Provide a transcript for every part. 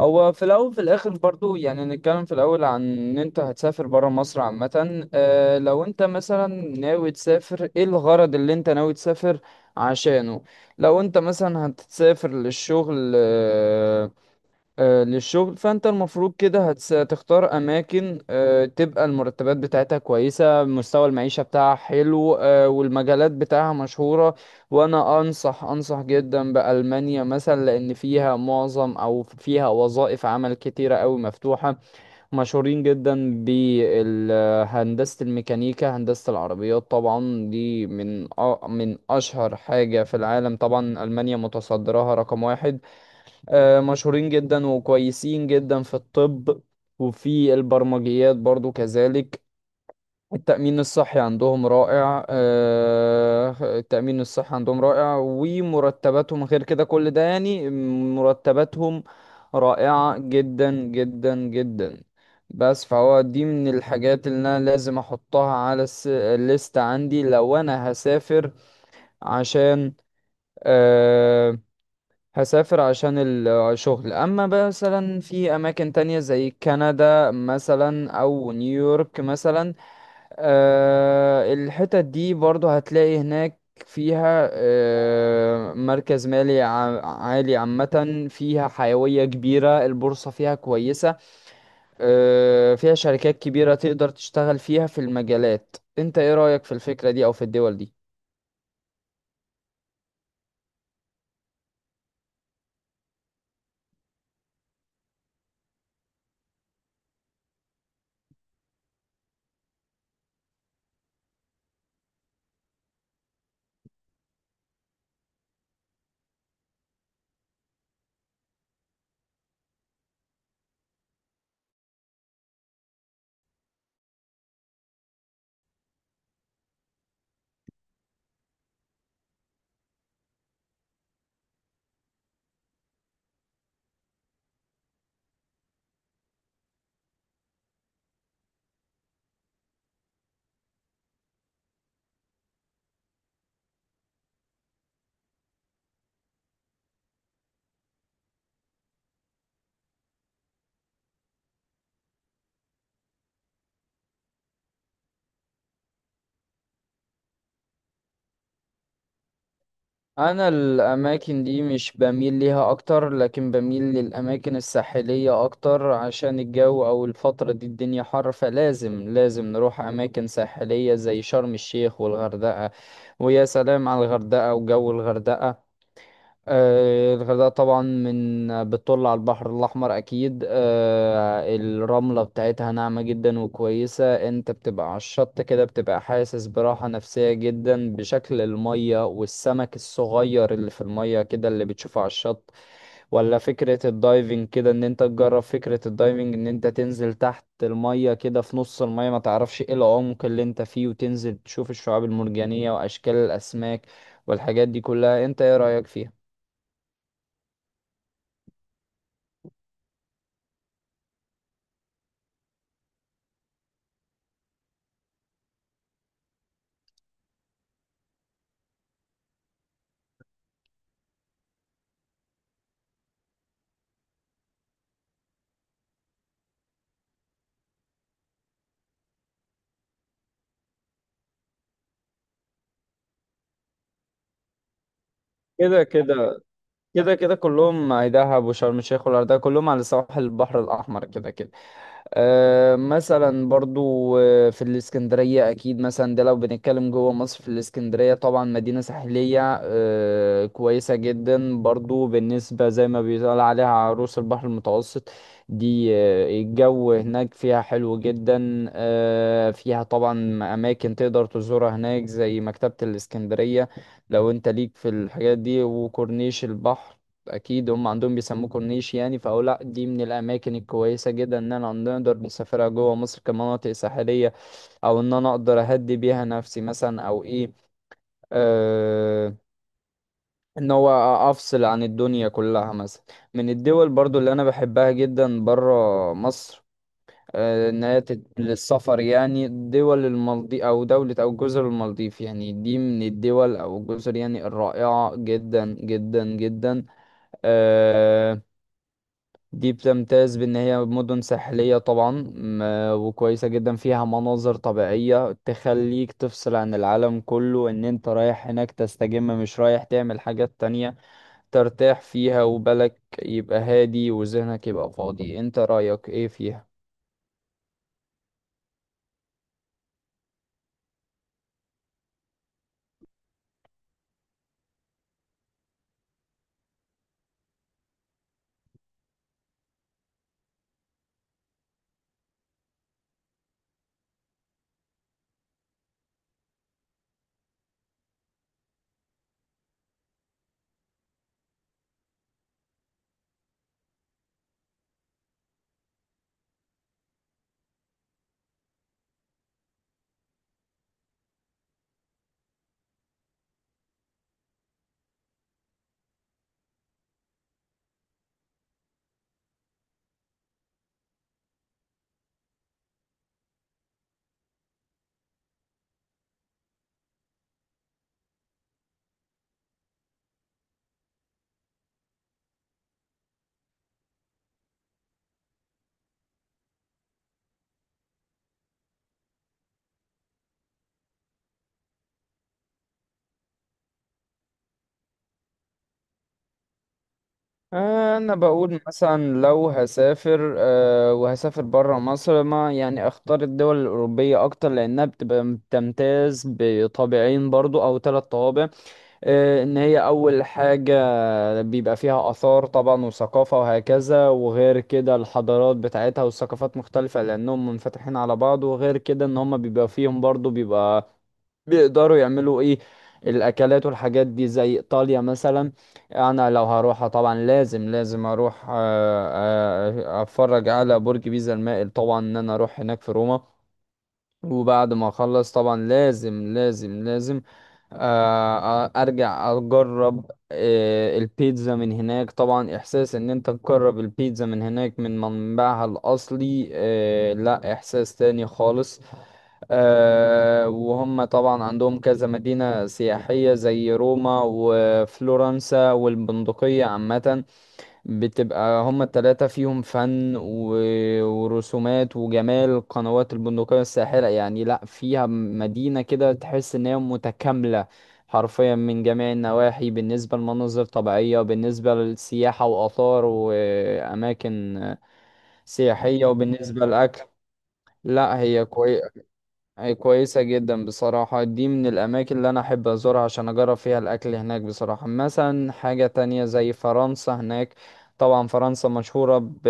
هو في الأول في الآخر برضو يعني نتكلم في الأول عن إن أنت هتسافر برا مصر عامة. لو أنت مثلا ناوي تسافر إيه الغرض اللي أنت ناوي تسافر عشانه. لو أنت مثلا هتسافر للشغل، للشغل فانت المفروض كده هتختار اماكن، تبقى المرتبات بتاعتها كويسة، مستوى المعيشة بتاعها حلو، والمجالات بتاعها مشهورة. وانا انصح جدا بألمانيا مثلا لان فيها معظم او فيها وظائف عمل كتيرة قوي مفتوحة. مشهورين جدا بهندسة الميكانيكا، هندسة العربيات، طبعا دي من من اشهر حاجة في العالم. طبعا ألمانيا متصدرها رقم واحد. مشهورين جدا وكويسين جدا في الطب، وفي البرمجيات برضو كذلك. التأمين الصحي عندهم رائع، التأمين الصحي عندهم رائع، ومرتباتهم غير كده كل ده يعني، مرتباتهم رائعة جدا جدا جدا. بس فهو دي من الحاجات اللي انا لازم احطها على الليست عندي لو انا هسافر عشان، آه، هسافر عشان الشغل. اما مثلا في اماكن تانية زي كندا مثلا او نيويورك مثلا، الحتت دي برضو هتلاقي هناك فيها، مركز مالي عالي، عامة فيها حيوية كبيرة، البورصة فيها كويسة، فيها شركات كبيرة تقدر تشتغل فيها في المجالات. انت ايه رأيك في الفكرة دي او في الدول دي؟ انا الاماكن دي مش بميل ليها اكتر، لكن بميل للاماكن الساحلية اكتر عشان الجو او الفترة دي الدنيا حر، فلازم نروح اماكن ساحلية زي شرم الشيخ والغردقة. ويا سلام على الغردقة وجو الغردقة. الغردقة طبعا من بتطل على البحر الأحمر أكيد. الرملة بتاعتها ناعمة جدا وكويسة، أنت بتبقى على الشط كده بتبقى حاسس براحة نفسية جدا بشكل المية والسمك الصغير اللي في المية كده اللي بتشوفه على الشط. ولا فكرة الدايفنج كده، إن أنت تجرب فكرة الدايفنج، إن أنت تنزل تحت المية كده في نص المية ما تعرفش إيه العمق اللي أنت فيه، وتنزل تشوف الشعاب المرجانية وأشكال الأسماك والحاجات دي كلها. أنت إيه رأيك فيها؟ كده كده، كده كده كلهم دهب وشرم الشيخ والغردقة كلهم على سواحل البحر الأحمر كده كده. مثلا برضو، في الإسكندرية أكيد، مثلا ده لو بنتكلم جوه مصر. في الإسكندرية طبعا مدينة ساحلية، كويسة جدا برضو، بالنسبة زي ما بيقال عليها عروس البحر المتوسط. دي الجو هناك فيها حلو جدا، فيها طبعا أماكن تقدر تزورها هناك زي مكتبة الإسكندرية لو أنت ليك في الحاجات دي، وكورنيش البحر، اكيد هم عندهم بيسموه كورنيش يعني. فاقول لا، دي من الاماكن الكويسه جدا ان انا نقدر نسافرها جوه مصر كمناطق ساحليه، او ان انا اقدر اهدي بيها نفسي مثلا او ايه، آه، ان هو افصل عن الدنيا كلها مثلا. من الدول برضو اللي انا بحبها جدا بره مصر، إن هي للسفر يعني، دول المالديف أو دولة أو جزر المالديف، يعني دي من الدول أو الجزر يعني الرائعة جدا جدا جدا. آه، دي بتمتاز بان هي مدن ساحلية طبعا، م- وكويسة جدا، فيها مناظر طبيعية تخليك تفصل عن العالم كله، ان انت رايح هناك تستجم مش رايح تعمل حاجات تانية، ترتاح فيها وبالك يبقى هادي وذهنك يبقى فاضي. انت رأيك ايه فيها؟ انا بقول مثلا لو هسافر، وهسافر برا مصر ما يعني اختار الدول الاوروبيه اكتر، لانها بتبقى بتمتاز بطابعين برضو او ثلاث طوابع. ان هي اول حاجة بيبقى فيها اثار طبعا وثقافة وهكذا، وغير كده الحضارات بتاعتها والثقافات مختلفة لانهم منفتحين على بعض، وغير كده ان هم بيبقى فيهم برضو بيبقى بيقدروا يعملوا ايه الاكلات والحاجات دي، زي ايطاليا مثلا. انا لو هروحها طبعا لازم اروح اتفرج على برج بيزا المائل، طبعا ان انا اروح هناك في روما. وبعد ما اخلص طبعا لازم ارجع اجرب، البيتزا من هناك طبعا. احساس ان انت تجرب البيتزا من هناك من منبعها الاصلي، لا احساس تاني خالص. وهم طبعا عندهم كذا مدينة سياحية زي روما وفلورنسا والبندقية عامة. بتبقى هما التلاتة فيهم ورسومات وجمال قنوات البندقية الساحرة، يعني لأ فيها مدينة كده تحس إن هي متكاملة حرفيا من جميع النواحي، بالنسبة لمناظر طبيعية وبالنسبة للسياحة وآثار وأماكن سياحية وبالنسبة للأكل. لأ هي كويسة، أي كويسة جدا بصراحة. دي من الأماكن اللي أنا أحب أزورها عشان أجرب فيها الأكل هناك بصراحة. مثلا حاجة تانية زي فرنسا هناك، طبعا فرنسا مشهورة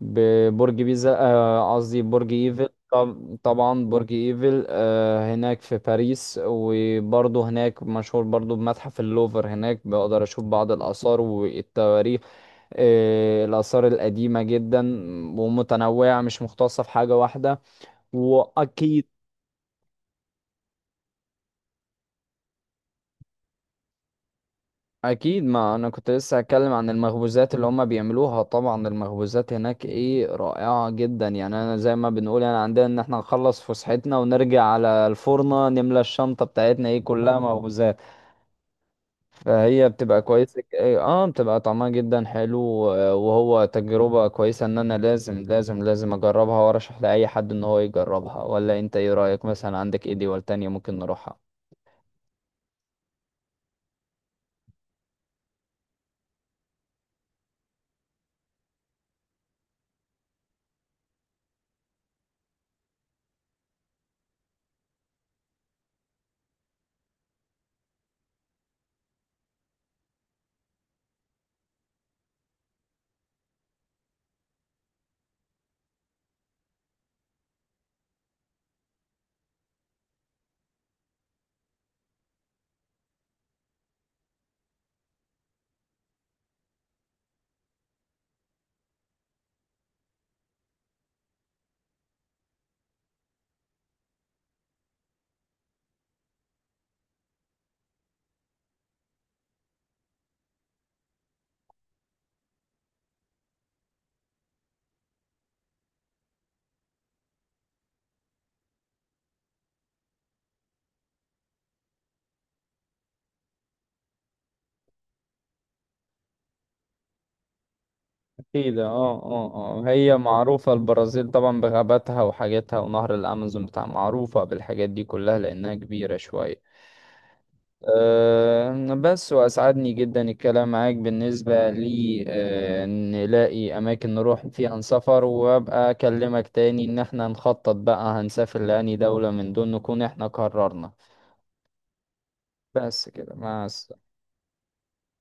ببرج بيزا، قصدي برج إيفل. طبعا برج إيفل هناك في باريس. وبرضه هناك مشهور برضه بمتحف اللوفر، هناك بقدر أشوف بعض الآثار والتواريخ، الآثار القديمة جدا ومتنوعة مش مختصة في حاجة واحدة. وأكيد، ما انا كنت لسه هتكلم عن المخبوزات اللي هم بيعملوها. طبعا المخبوزات هناك ايه رائعة جدا، يعني انا زي ما بنقول يعني عندنا ان احنا نخلص فسحتنا ونرجع على الفرنة نملى الشنطة بتاعتنا ايه كلها مخبوزات. فهي بتبقى كويسة إيه، اه بتبقى طعمها جدا حلو، وهو تجربة كويسة ان انا لازم اجربها وارشح لاي حد ان هو يجربها. ولا انت ايه رأيك مثلا؟ عندك ايه دول تانية ممكن نروحها؟ اكيد، اه هي معروفة البرازيل طبعا بغاباتها وحاجاتها ونهر الامازون بتاع، معروفة بالحاجات دي كلها لانها كبيرة شوية. أه بس واسعدني جدا الكلام معاك. بالنسبة لي أه نلاقي اماكن نروح فيها نسافر، وابقى اكلمك تاني ان احنا نخطط بقى هنسافر لأني دولة من دول نكون احنا قررنا. بس كده، مع السلامة.